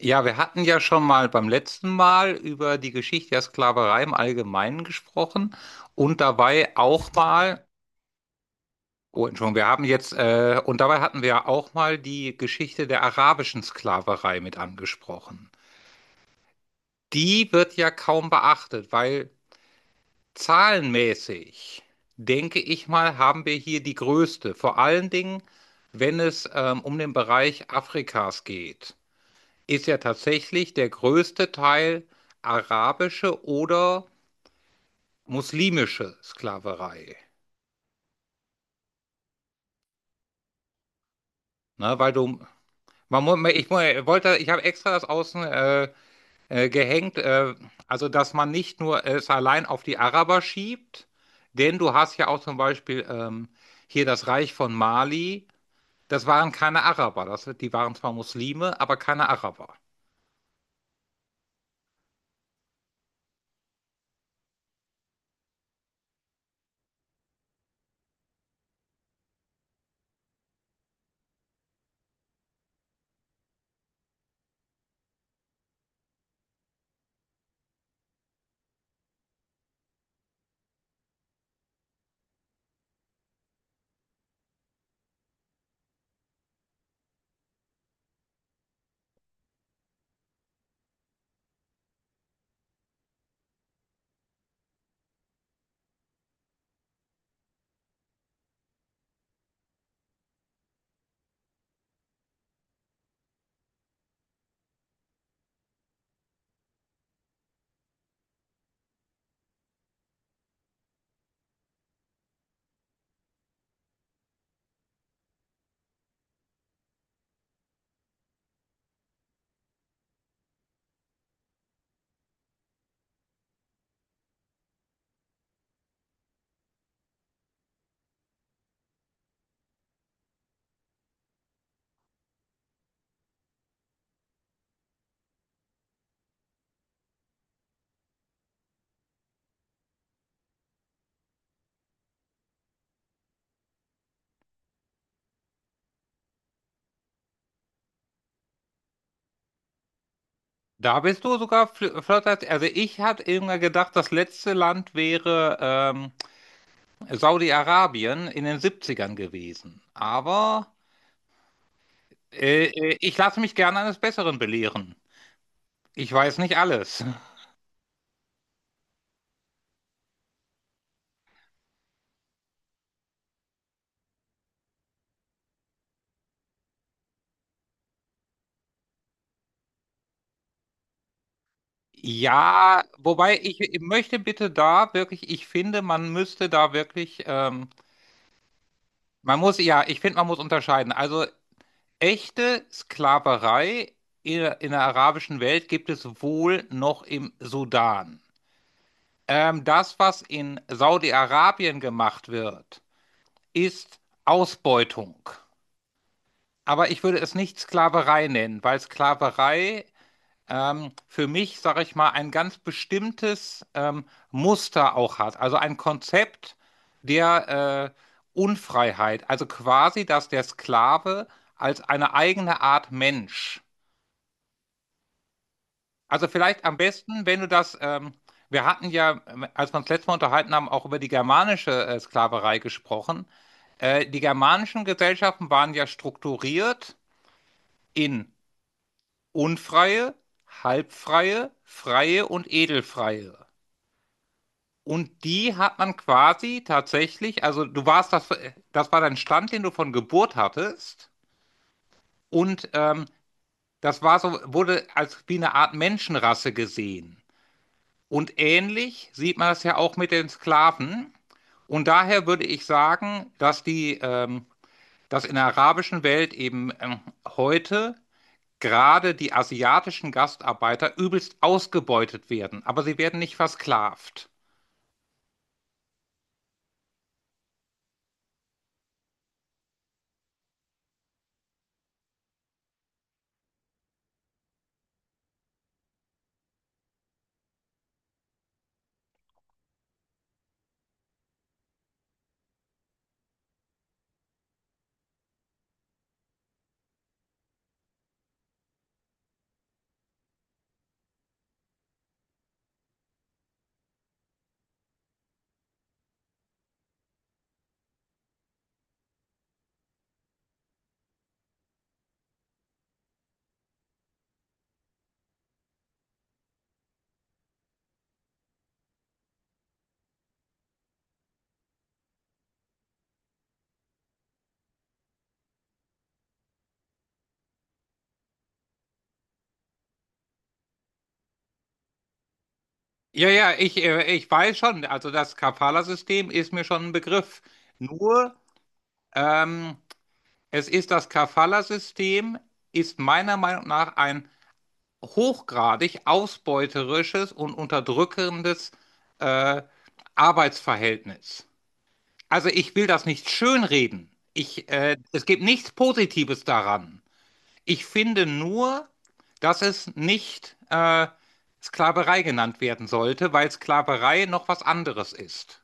Ja, wir hatten ja schon mal beim letzten Mal über die Geschichte der Sklaverei im Allgemeinen gesprochen und dabei auch mal, oh Entschuldigung, und dabei hatten wir auch mal die Geschichte der arabischen Sklaverei mit angesprochen. Die wird ja kaum beachtet, weil zahlenmäßig, denke ich mal, haben wir hier die größte, vor allen Dingen, wenn es um den Bereich Afrikas geht. Ist ja tatsächlich der größte Teil arabische oder muslimische Sklaverei. Ne, weil du, man, mu- ich mu- wollte, ich habe extra das außen gehängt, also dass man nicht nur es allein auf die Araber schiebt, denn du hast ja auch zum Beispiel, hier, das Reich von Mali, das waren keine Araber, die waren zwar Muslime, aber keine Araber. Da bist du sogar flotter. Also ich hatte immer gedacht, das letzte Land wäre Saudi-Arabien in den Siebzigern gewesen. Aber ich lasse mich gerne eines Besseren belehren. Ich weiß nicht alles. Ja, wobei ich möchte bitte da wirklich, ich finde, man müsste da wirklich, ja, ich finde, man muss unterscheiden. Also echte Sklaverei in der arabischen Welt gibt es wohl noch im Sudan. Das, was in Saudi-Arabien gemacht wird, ist Ausbeutung. Aber ich würde es nicht Sklaverei nennen, weil Sklaverei für mich, sage ich mal, ein ganz bestimmtes Muster auch hat. Also ein Konzept der Unfreiheit. Also quasi, dass der Sklave als eine eigene Art Mensch. Also vielleicht am besten, wenn du das, wir hatten ja, als wir uns letztes Mal unterhalten haben, auch über die germanische Sklaverei gesprochen. Die germanischen Gesellschaften waren ja strukturiert in unfreie, halbfreie, freie und edelfreie. Und die hat man quasi tatsächlich, also du warst das, das war dein Stand, den du von Geburt hattest. Und das war so, wurde als wie eine Art Menschenrasse gesehen. Und ähnlich sieht man das ja auch mit den Sklaven. Und daher würde ich sagen, dass in der arabischen Welt eben heute gerade die asiatischen Gastarbeiter übelst ausgebeutet werden, aber sie werden nicht versklavt. Ja, ja, ich weiß schon, also das Kafala-System ist mir schon ein Begriff. Nur, ähm, es ist, das Kafala-System ist meiner Meinung nach ein hochgradig ausbeuterisches und unterdrückendes äh, Arbeitsverhältnis. Also ich will das nicht schönreden. Es gibt nichts Positives daran. Ich finde nur, dass es nicht Sklaverei genannt werden sollte, weil Sklaverei noch was anderes ist.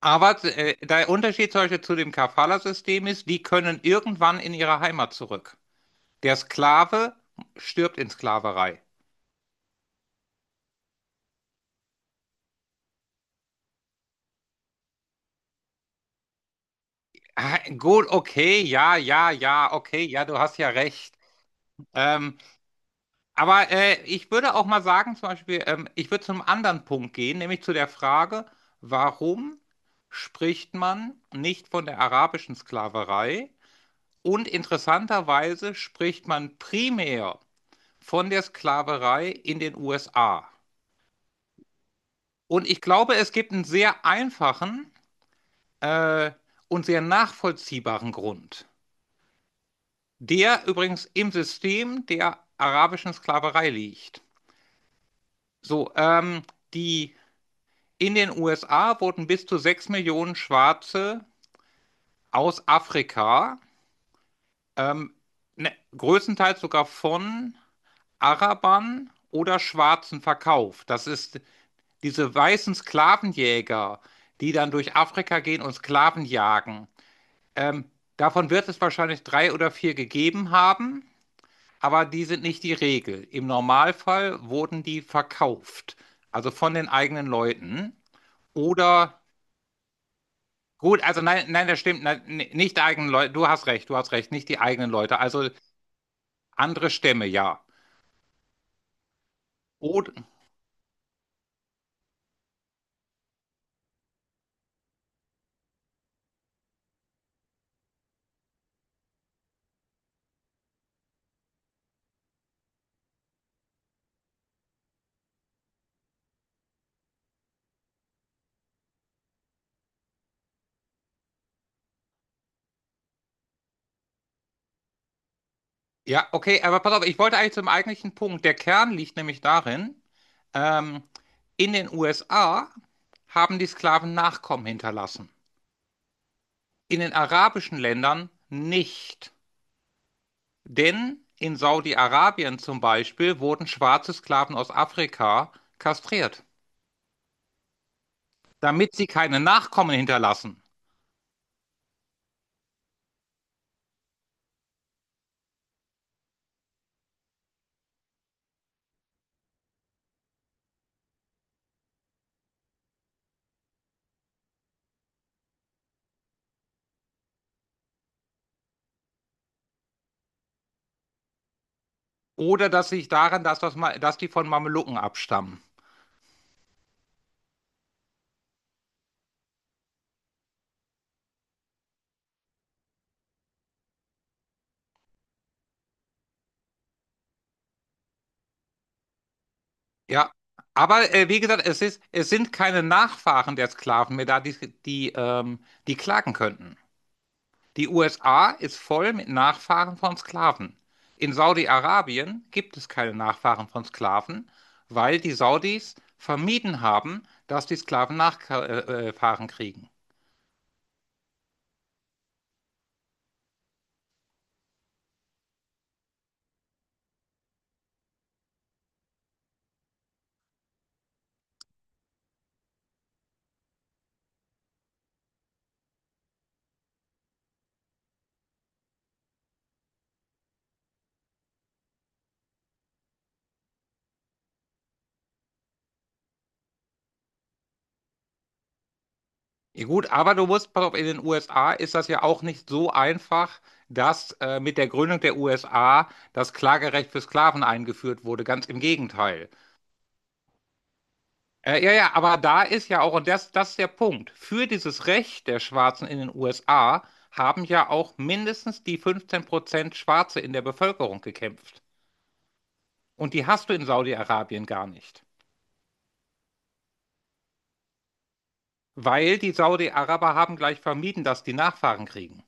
Aber der Unterschied zum Beispiel zu dem Kafala-System ist, die können irgendwann in ihre Heimat zurück. Der Sklave stirbt in Sklaverei. Ah, gut, okay, ja, ja, ja, okay, ja, du hast ja recht. Ähm, Aber ich würde auch mal sagen, zum Beispiel, ich würde zum anderen Punkt gehen, nämlich zu der Frage, warum spricht man nicht von der arabischen Sklaverei? Und interessanterweise spricht man primär von der Sklaverei in den USA. Und ich glaube, es gibt einen sehr einfachen äh, und sehr nachvollziehbaren Grund, der übrigens im System der arabischen Sklaverei liegt. So, die In den USA wurden bis zu 6 Millionen Schwarze aus Afrika, ähm, ne, größtenteils sogar von Arabern oder Schwarzen verkauft. Das ist, diese weißen Sklavenjäger, die dann durch Afrika gehen und Sklaven jagen. Ähm, Davon wird es wahrscheinlich drei oder vier gegeben haben, aber die sind nicht die Regel. Im Normalfall wurden die verkauft, also von den eigenen Leuten oder. Gut, also nein, nein, das stimmt. Nein, nicht die eigenen Leute, du hast recht, nicht die eigenen Leute. Also andere Stämme, ja. Oder, ja, okay, aber pass auf, ich wollte eigentlich zum eigentlichen Punkt. Der Kern liegt nämlich darin, ähm, in den USA haben die Sklaven Nachkommen hinterlassen. In den arabischen Ländern nicht. Denn in Saudi-Arabien zum Beispiel wurden schwarze Sklaven aus Afrika kastriert, damit sie keine Nachkommen hinterlassen. Oder das liegt daran, dass die von Mamelucken abstammen. Ja. Aber wie gesagt, es ist, es sind keine Nachfahren der Sklaven mehr da, die klagen könnten. Die USA ist voll mit Nachfahren von Sklaven. In Saudi-Arabien gibt es keine Nachfahren von Sklaven, weil die Saudis vermieden haben, dass die Sklaven Nachfahren kriegen. Ja, gut, aber du musst, pass auf, in den USA ist das ja auch nicht so einfach, dass mit der Gründung der USA das Klagerecht für Sklaven eingeführt wurde. Ganz im Gegenteil. Ja, ja, aber da ist ja auch, und das, das ist der Punkt, für dieses Recht der Schwarzen in den USA haben ja auch mindestens die 15% Schwarze in der Bevölkerung gekämpft. Und die hast du in Saudi-Arabien gar nicht, weil die Saudi-Araber haben gleich vermieden, dass die Nachfahren kriegen.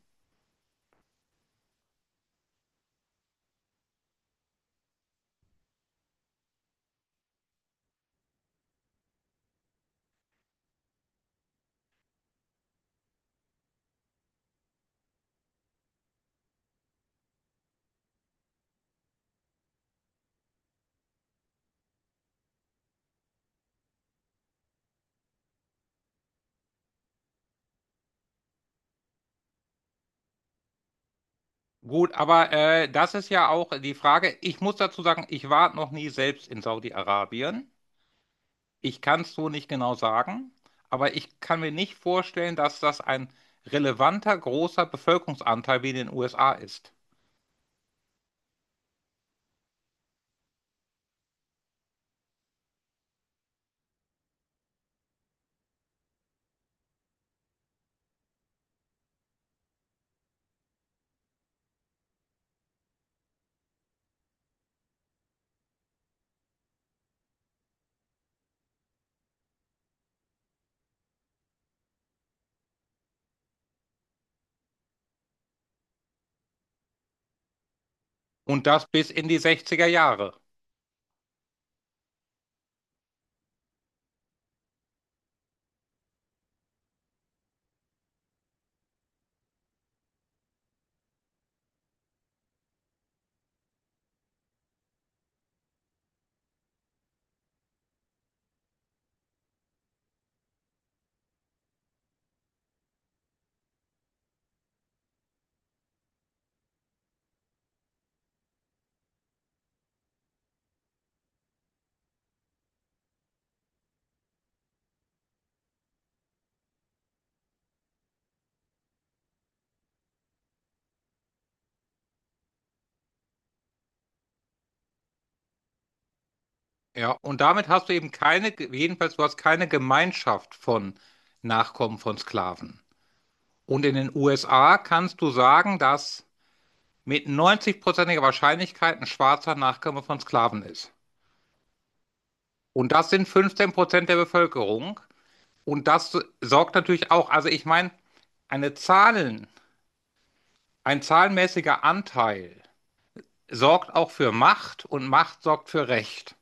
Gut, aber das ist ja auch die Frage. Ich muss dazu sagen, ich war noch nie selbst in Saudi-Arabien. Ich kann es so nicht genau sagen, aber ich kann mir nicht vorstellen, dass das ein relevanter, großer Bevölkerungsanteil wie in den USA ist. Und das bis in die sechziger Jahre. Ja, und damit hast du eben keine, jedenfalls du hast keine Gemeinschaft von Nachkommen von Sklaven. Und in den USA kannst du sagen, dass mit 90-prozentiger Wahrscheinlichkeit ein schwarzer Nachkomme von Sklaven ist. Und das sind 15% der Bevölkerung. Und das sorgt natürlich auch, also ich meine, eine Zahlen, ein zahlenmäßiger Anteil sorgt auch für Macht und Macht sorgt für Recht.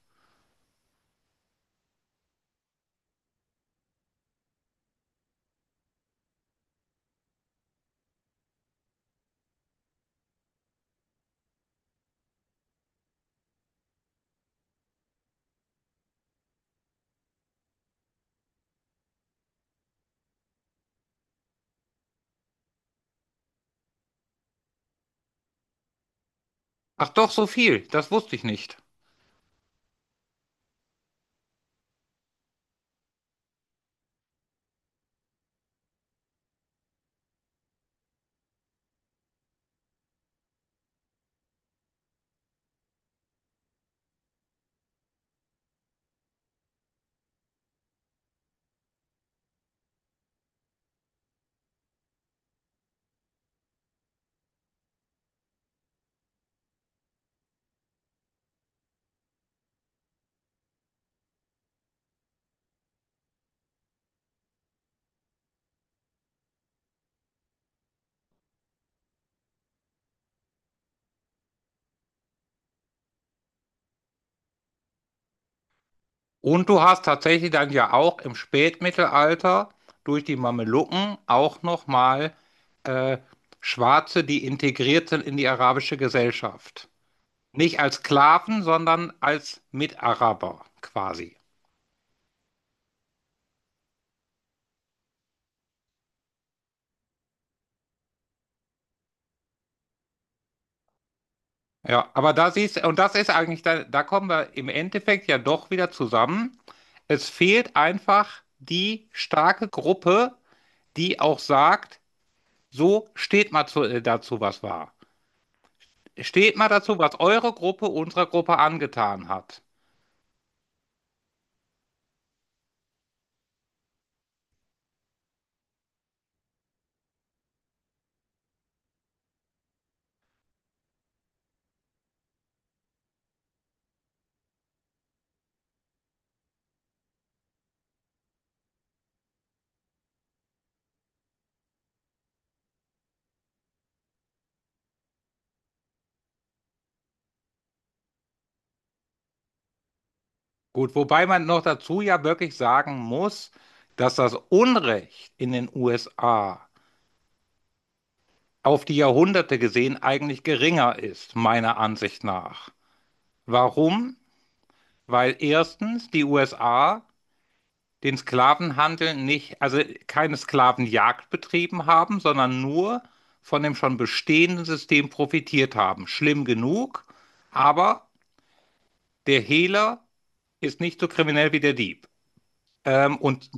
Ach doch, so viel, das wusste ich nicht. Und du hast tatsächlich dann ja auch im Spätmittelalter durch die Mamelucken auch nochmal äh, Schwarze, die integriert sind in die arabische Gesellschaft. Nicht als Sklaven, sondern als Mitaraber quasi. Ja, aber da siehst, und das ist eigentlich, da kommen wir im Endeffekt ja doch wieder zusammen. Es fehlt einfach die starke Gruppe, die auch sagt, so steht mal zu, dazu, was war. Steht mal dazu, was eure Gruppe unserer Gruppe angetan hat. Gut, wobei man noch dazu ja wirklich sagen muss, dass das Unrecht in den USA auf die Jahrhunderte gesehen eigentlich geringer ist, meiner Ansicht nach. Warum? Weil erstens die USA den Sklavenhandel nicht, also keine Sklavenjagd betrieben haben, sondern nur von dem schon bestehenden System profitiert haben. Schlimm genug, aber der Hehler ist nicht so kriminell wie der Dieb. Ähm, und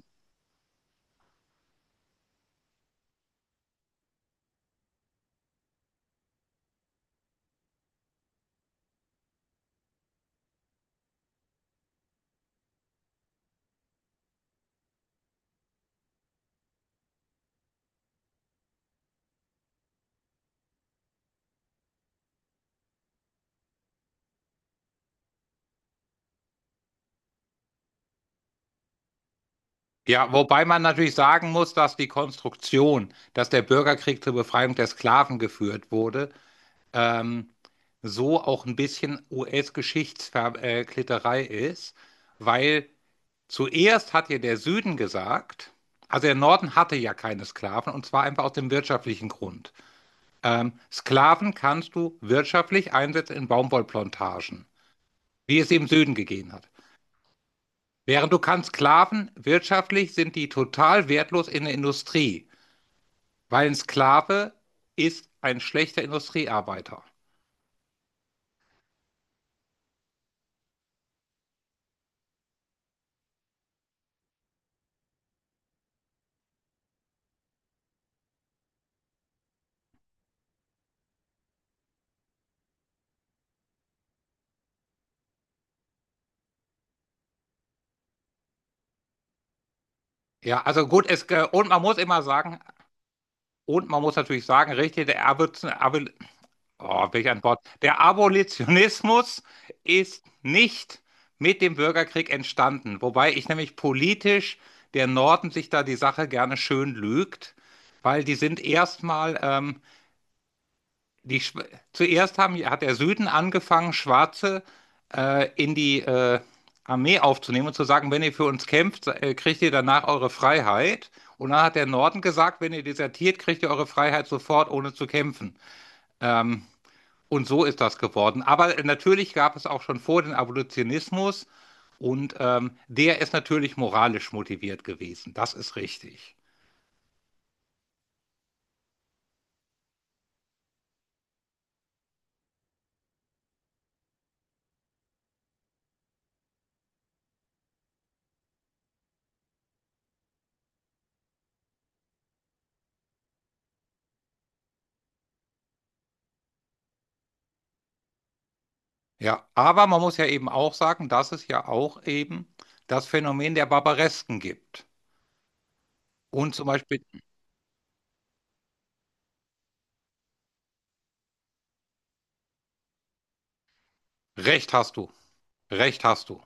ja, wobei man natürlich sagen muss, dass die Konstruktion, dass der Bürgerkrieg zur Befreiung der Sklaven geführt wurde, ähm, so auch ein bisschen US-Geschichtsklitterei ist, weil: zuerst hat ja der Süden gesagt, also der Norden hatte ja keine Sklaven, und zwar einfach aus dem wirtschaftlichen Grund. Sklaven kannst du wirtschaftlich einsetzen in Baumwollplantagen, wie es im Süden gegeben hat. Während, du kannst Sklaven, wirtschaftlich sind die total wertlos in der Industrie, weil ein Sklave ist ein schlechter Industriearbeiter. Ja, also gut, und man muss immer sagen, und man muss natürlich sagen, richtig, oh, welch ein Wort. Der Abolitionismus ist nicht mit dem Bürgerkrieg entstanden, wobei ich nämlich politisch, der Norden sich da die Sache gerne schön lügt, weil die sind erstmal, die, Schw- zuerst haben, hat der Süden angefangen, Schwarze in die Armee aufzunehmen und zu sagen, wenn ihr für uns kämpft, kriegt ihr danach eure Freiheit. Und dann hat der Norden gesagt, wenn ihr desertiert, kriegt ihr eure Freiheit sofort, ohne zu kämpfen. Ähm, und so ist das geworden. Aber natürlich gab es auch schon vor den Abolitionismus, und der ist natürlich moralisch motiviert gewesen. Das ist richtig. Ja, aber man muss ja eben auch sagen, dass es ja auch eben das Phänomen der Barbaresken gibt. Und zum Beispiel, Recht hast du, Recht hast du.